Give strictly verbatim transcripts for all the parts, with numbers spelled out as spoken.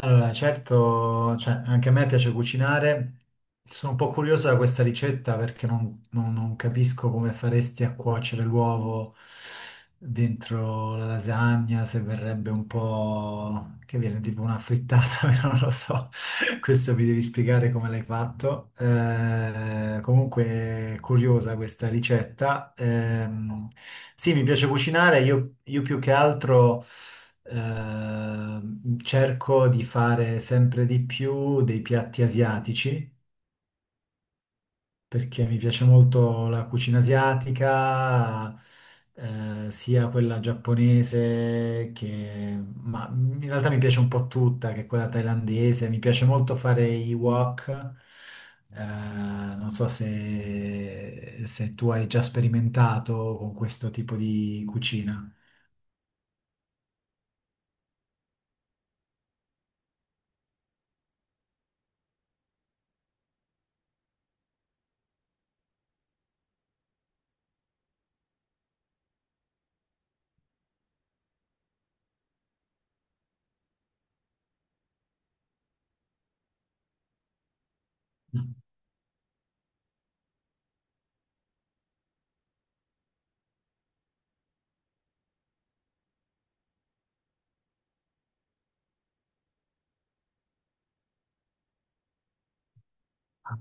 Allora, certo, cioè, anche a me piace cucinare. Sono un po' curiosa da questa ricetta perché non, non- non capisco come faresti a cuocere l'uovo dentro la lasagna, se verrebbe un po' che viene tipo una frittata, però non lo so. Questo mi devi spiegare come l'hai fatto. Eh, comunque, curiosa questa ricetta. Ehm, sì, mi piace cucinare, io io più che altro. Ehm, cerco di fare sempre di più dei piatti asiatici perché mi piace molto la cucina asiatica, eh, sia quella giapponese che, ma in realtà mi piace un po' tutta, che è quella thailandese. Mi piace molto fare i wok. Eh, non so se, se tu hai già sperimentato con questo tipo di cucina. Ah,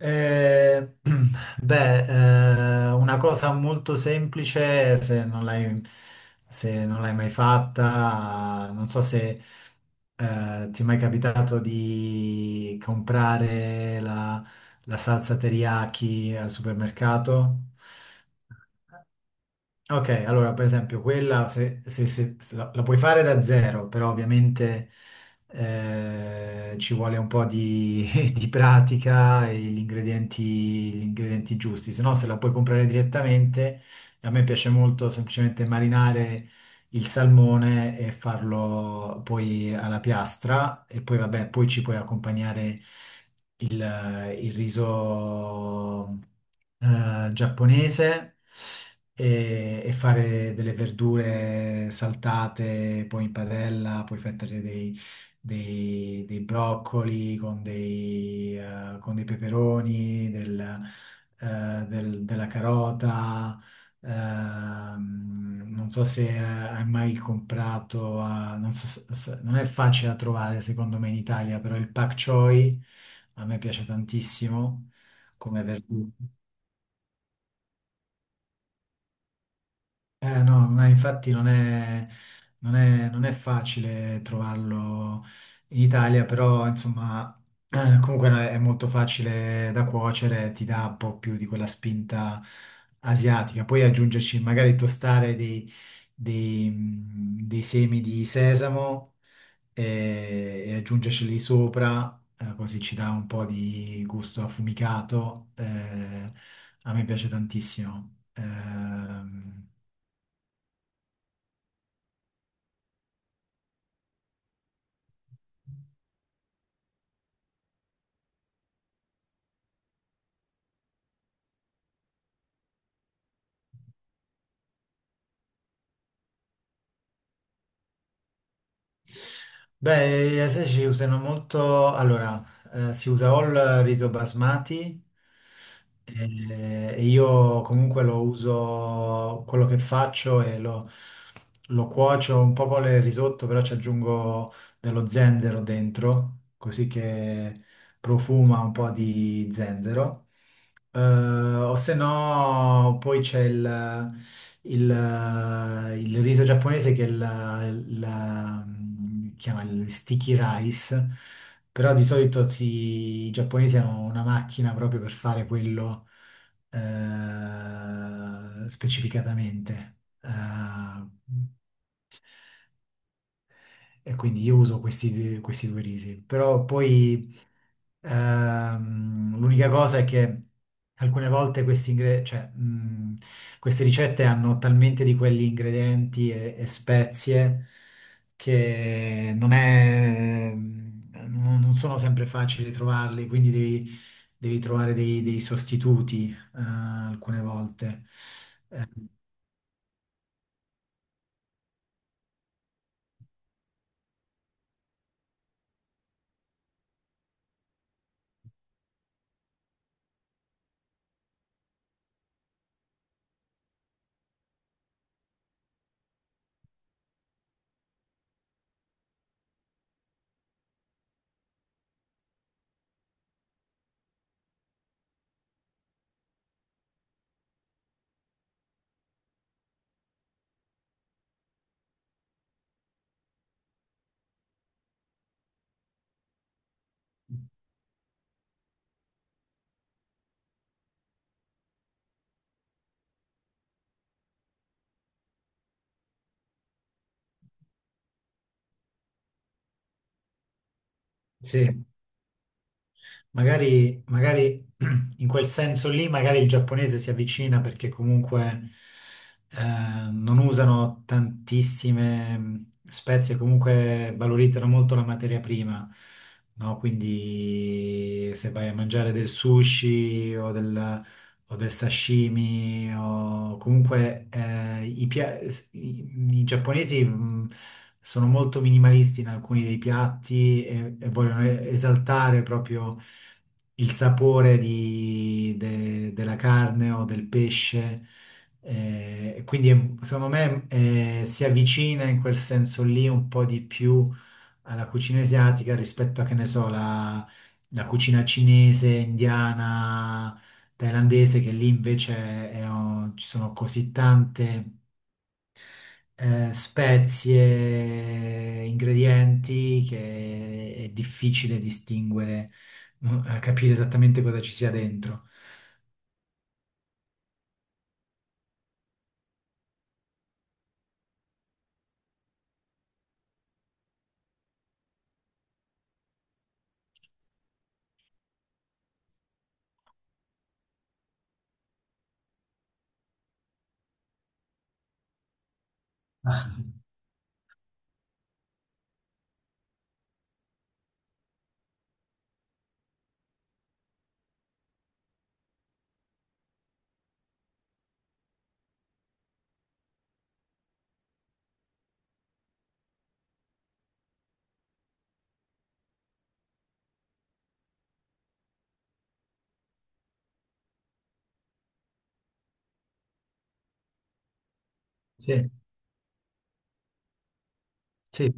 Eh, beh, eh, una cosa molto semplice, se non l'hai se non l'hai mai fatta, non so se eh, ti è mai capitato di comprare la, la salsa teriyaki al supermercato. Ok, allora per esempio quella se, se- se- se la, la puoi fare da zero, però ovviamente eh, ci vuole un po' di, di pratica e gli ingredienti, gli ingredienti giusti, se no se la puoi comprare direttamente, a me piace molto semplicemente marinare il salmone e farlo poi alla piastra e poi vabbè, poi ci puoi accompagnare il, il riso eh, giapponese e, e fare delle verdure saltate, poi in padella, poi fettere dei, dei- dei broccoli con dei, eh, con dei peperoni, del, eh, del- della carota. Ehm, non so se eh, hai mai comprato, a- non so se- se- non è facile da trovare secondo me in Italia, però il pak choi a me piace tantissimo come verdura. Eh no, ma infatti non è, non è- non è facile trovarlo in Italia, però insomma eh, comunque no, è molto facile da cuocere, ti dà un po' più di quella spinta asiatica. Poi aggiungerci magari tostare dei, dei, mh, dei semi di sesamo e, e aggiungerceli sopra, eh, così ci dà un po' di gusto affumicato. Eh, a me piace tantissimo. Ehm, Beh, gli asiatici ci usano molto, allora, eh, si usa o il riso basmati eh, e io comunque lo uso, quello che faccio e lo, lo cuocio un po' con il risotto, però ci aggiungo dello zenzero dentro, così che profuma un po' di zenzero. Eh, o se no, poi c'è il, il- il riso giapponese che è la, la- mm, chiama il sticky rice, però di solito si- i giapponesi hanno una macchina proprio per fare quello eh, specificatamente. Eh, e quindi io uso questi, questi due risi, però poi Ehm, l'unica cosa è che alcune volte questi ingre- cioè, mh, queste ricette hanno talmente di quegli ingredienti e, e spezie che non è, non non sono sempre facili trovarli, quindi devi, devi trovare dei, dei sostituti, eh, alcune volte. Eh, sì. Magari, magari in quel senso lì, magari il giapponese si avvicina perché comunque eh, non usano tantissime mh, spezie, comunque valorizzano molto la materia prima, no? Quindi se vai a mangiare del sushi o del, o del sashimi o comunque eh, i, pia- i- i giapponesi mh, sono molto minimalisti in alcuni dei piatti e, e vogliono e- esaltare proprio il sapore di- de- della carne o del pesce. Eh, quindi è- secondo me eh, si avvicina in quel senso lì un po' di più alla cucina asiatica rispetto a, che ne so, la, la cucina cinese, indiana, thailandese, che lì invece è- oh, ci sono così tante eh, spezie, ingredienti, che è difficile distinguere, no, capire esattamente cosa ci sia dentro. Sì, sì,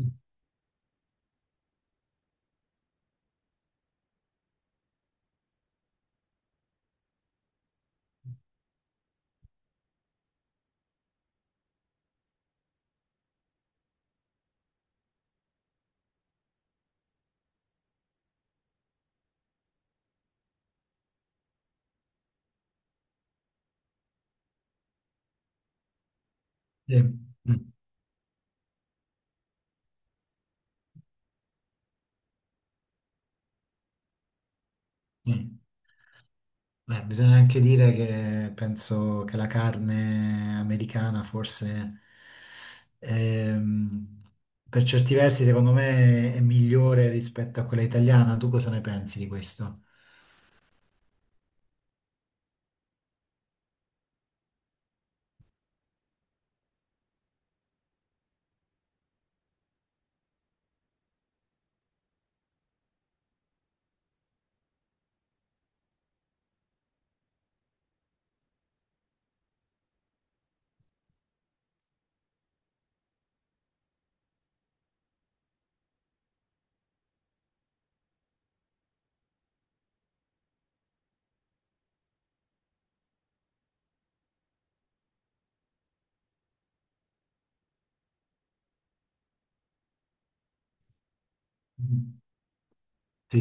sì. Mm, mm. Beh, bisogna anche dire che penso che la carne americana forse ehm, per certi versi secondo me è migliore rispetto a quella italiana. Tu cosa ne pensi di questo? Mm. Sì,